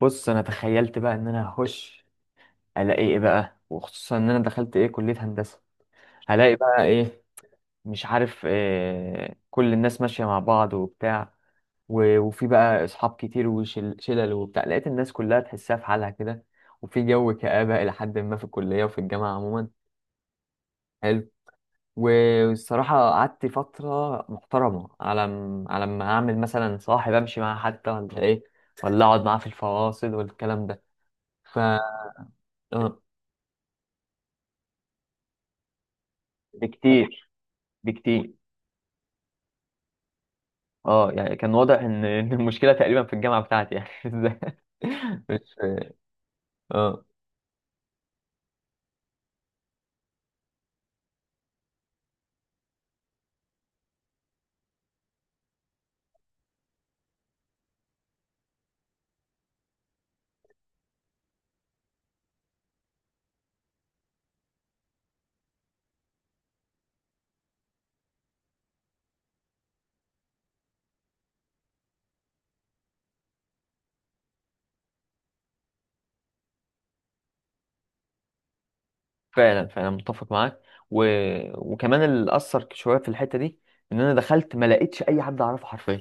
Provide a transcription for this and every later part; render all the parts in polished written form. بص، انا تخيلت بقى ان انا هخش الاقي ايه بقى، وخصوصا ان انا دخلت ايه كلية هندسة. هلاقي بقى ايه؟ مش عارف إيه، كل الناس ماشية مع بعض وبتاع وفي بقى اصحاب كتير وشلل وبتاع. لقيت الناس كلها تحسها في حالها كده، وفي جو كآبة الى حد ما في الكلية وفي الجامعة عموما. حلو. والصراحة قعدت فترة محترمة على ما اعمل مثلا صاحب امشي معاه حتى ولا ايه، ولا اقعد معاه في الفواصل والكلام ده. ف بكتير. بكتير. اه، يعني كان واضح ان إن المشكله تقريبا في الجامعه بتاعتي، يعني ازاي؟ مش اه، فعلا فعلا متفق معاك. و... وكمان اللي اثر شويه في الحته دي، ان انا دخلت ما لقيتش اي حد اعرفه حرفيا.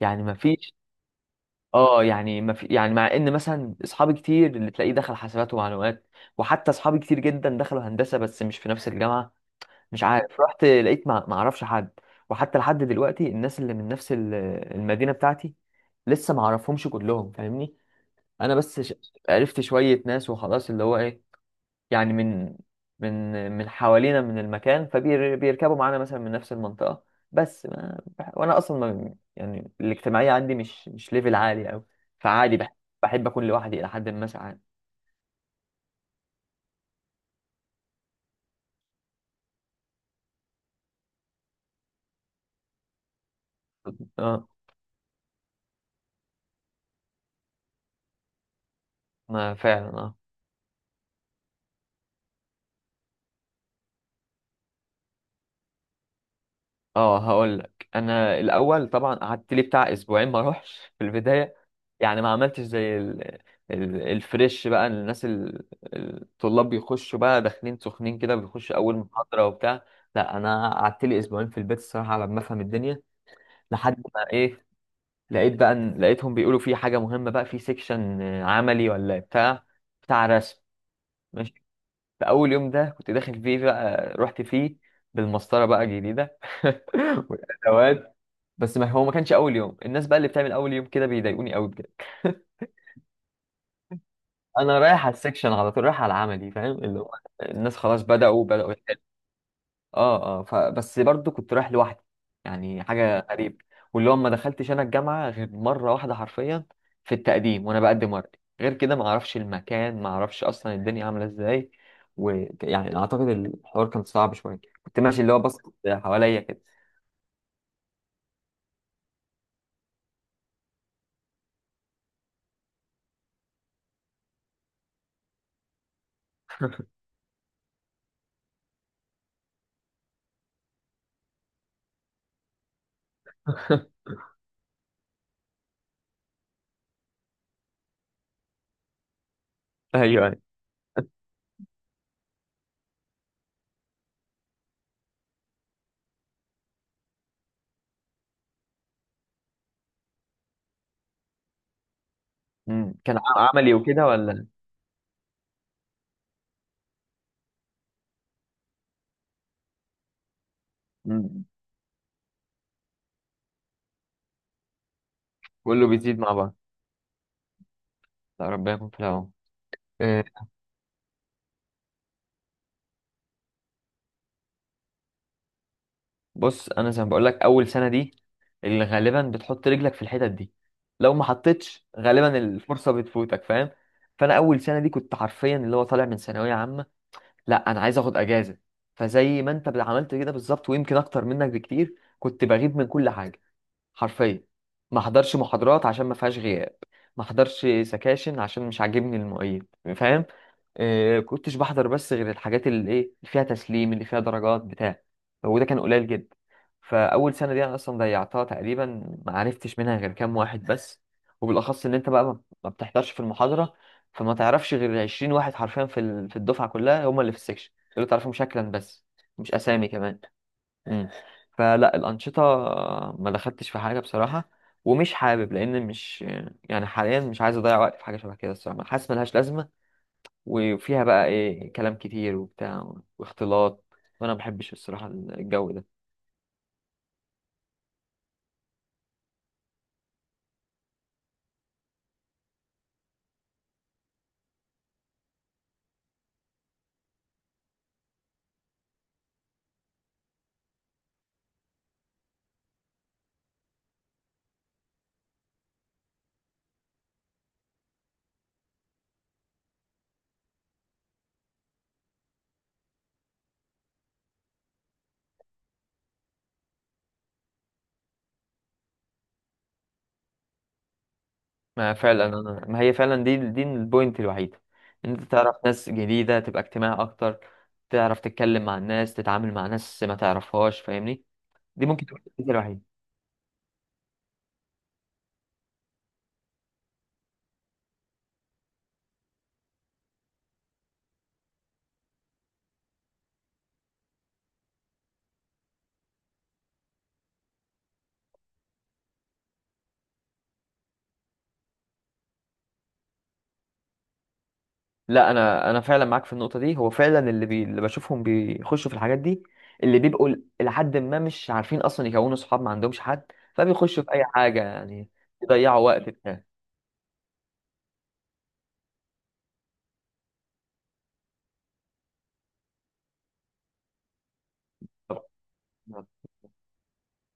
يعني ما فيش، اه يعني ما في، يعني مع ان مثلا اصحابي كتير اللي تلاقيه دخل حاسبات ومعلومات، وحتى اصحابي كتير جدا دخلوا هندسه بس مش في نفس الجامعه. مش عارف، رحت لقيت ما اعرفش حد. وحتى لحد دلوقتي الناس اللي من نفس المدينه بتاعتي، لسه ما اعرفهمش كلهم، فاهمني؟ انا بس ش... عرفت شويه ناس وخلاص، اللي هو ايه، يعني من من حوالينا، من المكان، فبيركبوا معانا مثلا من نفس المنطقه. بس ما... بح- وانا اصلا ما... يعني الاجتماعيه عندي مش ليفل عالي قوي. فعادي بح... بحب اكون لوحدي الى حد ما ساعات. اه. ما فعلا. اه اه، هقول لك انا الاول طبعا قعدت لي بتاع اسبوعين ما اروحش في البدايه، يعني ما عملتش زي الفريش بقى، الناس الطلاب بيخشوا بقى داخلين سخنين كده بيخشوا اول محاضره وبتاع. لا انا قعدت لي اسبوعين في البيت الصراحه على ما افهم الدنيا. لحد ما ايه، لقيت بقى لقيتهم بيقولوا في حاجه مهمه بقى في سيكشن عملي ولا بتاع، بتاع رسم. ماشي. فاول يوم ده كنت داخل فيه بقى، رحت فيه بالمسطره بقى الجديده والادوات. بس ما هو ما كانش اول يوم. الناس بقى اللي بتعمل اول يوم كده بيضايقوني قوي بجد. انا رايح على السكشن على طول، رايح على العملي، فاهم اللي هو الناس خلاص بداوا يحلوا. اه اه، فبس برضو كنت رايح لوحدي، يعني حاجه غريبه. واللي هو ما دخلتش انا الجامعه غير مره واحده حرفيا، في التقديم وانا بقدم ورقي، غير كده ما اعرفش المكان، ما اعرفش اصلا الدنيا عامله ازاي. ويعني اعتقد الحوار كان صعب شويه، كنت ماشي اللي هو بص حواليا كده. ايوه، أيوة. مم. كان عملي وكده ولا؟ مم. كله بيزيد مع بعض. لا ربنا يكون في العون. آه، بص، انا زي ما بقول لك اول سنه دي اللي غالبا بتحط رجلك في الحتت دي، لو ما حطيتش غالبا الفرصه بتفوتك، فاهم؟ فانا اول سنه دي كنت حرفيا اللي هو طالع من ثانويه عامه، لا انا عايز اخد اجازه. فزي ما انت عملت كده بالظبط، ويمكن اكتر منك بكتير، كنت بغيب من كل حاجه حرفيا. ما حضرش محاضرات عشان ما فيهاش غياب، ما حضرش سكاشن عشان مش عاجبني المعيد، فاهم؟ آه كنتش بحضر بس غير الحاجات اللي ايه، اللي فيها تسليم، اللي فيها درجات بتاع وده كان قليل جدا. فاول سنه دي انا اصلا ضيعتها تقريبا، ما عرفتش منها غير كام واحد بس. وبالاخص ان انت بقى ما بتحضرش في المحاضره، فما تعرفش غير 20 واحد حرفيا في في الدفعه كلها، هم اللي في السكشن اللي تعرفهم شكلا بس، مش اسامي كمان. مم. فلا، الأنشطة ما دخلتش في حاجة بصراحة، ومش حابب، لأن مش، يعني حاليا مش عايز أضيع وقت في حاجة شبه كده الصراحة، حاسس ملهاش لازمة. وفيها بقى إيه، كلام كتير وبتاع واختلاط، وأنا ما بحبش الصراحة الجو ده. ما فعلا. أنا ما هي فعلا دي البوينت الوحيدة، إن أنت تعرف ناس جديدة، تبقى اجتماعي أكتر، تعرف تتكلم مع الناس، تتعامل مع ناس ما تعرفهاش، فاهمني؟ دي ممكن تكون الفكرة الوحيدة. لا انا، انا فعلا معاك في النقطه دي. هو فعلا اللي بي...، اللي بشوفهم بيخشوا في الحاجات دي اللي بيبقوا لحد ما مش عارفين اصلا يكونوا صحاب، ما عندهمش حد، فبيخشوا في اي حاجه يعني، يضيعوا وقت بتاع طب،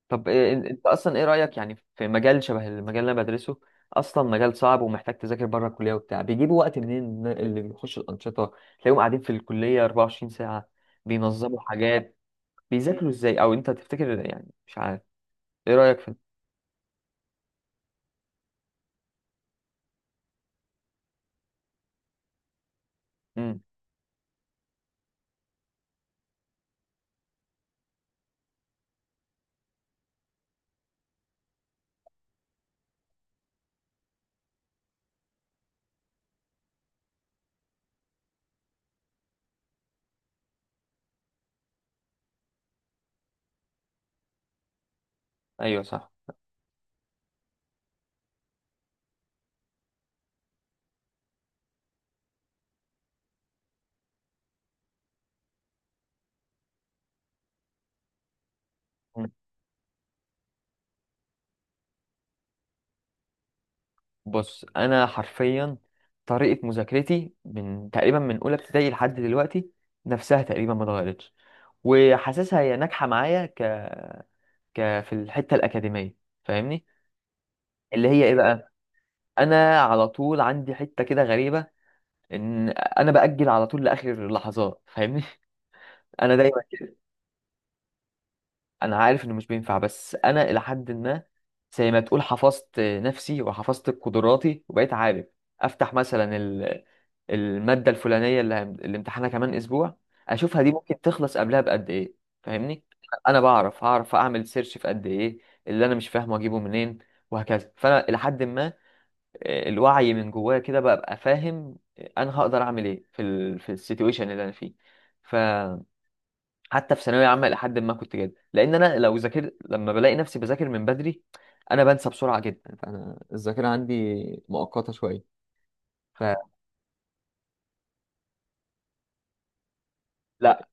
طب انت اصلا ايه رايك يعني في مجال شبه المجال اللي انا بدرسه؟ اصلا مجال صعب ومحتاج تذاكر بره الكليه وبتاع. بيجيبوا وقت منين اللي بيخشوا الانشطه؟ تلاقيهم قاعدين في الكليه 24 ساعه بينظموا حاجات. بيذاكروا ازاي او انت تفتكر؟ يعني مش عارف. ايه رايك في، مم. ايوه صح. بص انا حرفيا طريقه مذاكرتي من تقريبا من اولى ابتدائي لحد دلوقتي نفسها تقريبا، ما اتغيرتش، وحاسسها هي ناجحه معايا ك في الحته الاكاديميه، فاهمني؟ اللي هي ايه بقى، انا على طول عندي حته كده غريبه، ان انا باجل على طول لاخر اللحظات، فاهمني؟ انا دايما، انا عارف انه مش بينفع، بس انا الى حد ما زي ما تقول حفظت نفسي وحفظت قدراتي، وبقيت عارف افتح مثلا المادة الفلانية اللي امتحانها كمان اسبوع، اشوفها دي ممكن تخلص قبلها بقد ايه، فاهمني؟ انا بعرف هعرف اعمل سيرش في قد ايه، اللي انا مش فاهمه اجيبه منين، وهكذا. فانا الى حد ما الوعي من جوايا كده بقى فاهم انا هقدر اعمل ايه في في السيتويشن اللي انا فيه. حتى في ثانويه عامه الى حد ما كنت جاد، لان انا لو ذاكرت لما بلاقي نفسي بذاكر من بدري، انا بنسى بسرعه جدا، فانا الذاكره عندي مؤقته شويه. فلا، لا،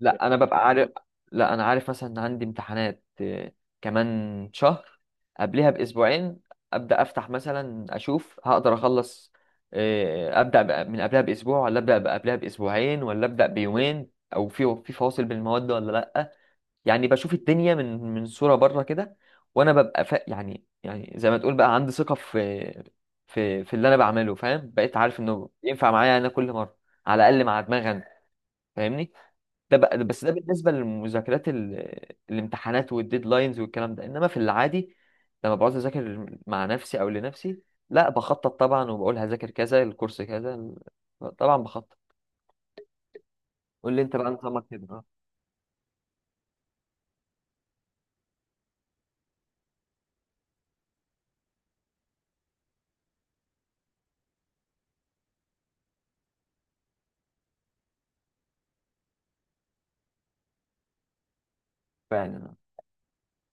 لا، انا ببقى عارف. لا انا عارف مثلا ان عندي امتحانات كمان شهر، قبلها باسبوعين ابدا افتح مثلا اشوف هقدر اخلص، ابدا بقى من قبلها باسبوع، ولا ابدا بقى قبلها باسبوعين، ولا ابدا بيومين، او في فواصل بين المواد ولا لا. يعني بشوف الدنيا من صورة بره كده. وانا ببقى ف...، يعني يعني زي ما تقول بقى عندي ثقة في اللي انا بعمله، فاهم؟ بقيت عارف انه ينفع معايا انا كل مرة، على الاقل مع دماغي انا، فاهمني؟ ده بقى، بس ده بالنسبة للمذاكرات الامتحانات والديدلاينز والكلام ده. انما في العادي لما بقعد اذاكر مع نفسي او لنفسي، لا بخطط طبعا، وبقول هذاكر كذا، الكورس كذا طبعا بخطط. قول لي انت بقى نظامك كده؟ اه فعلا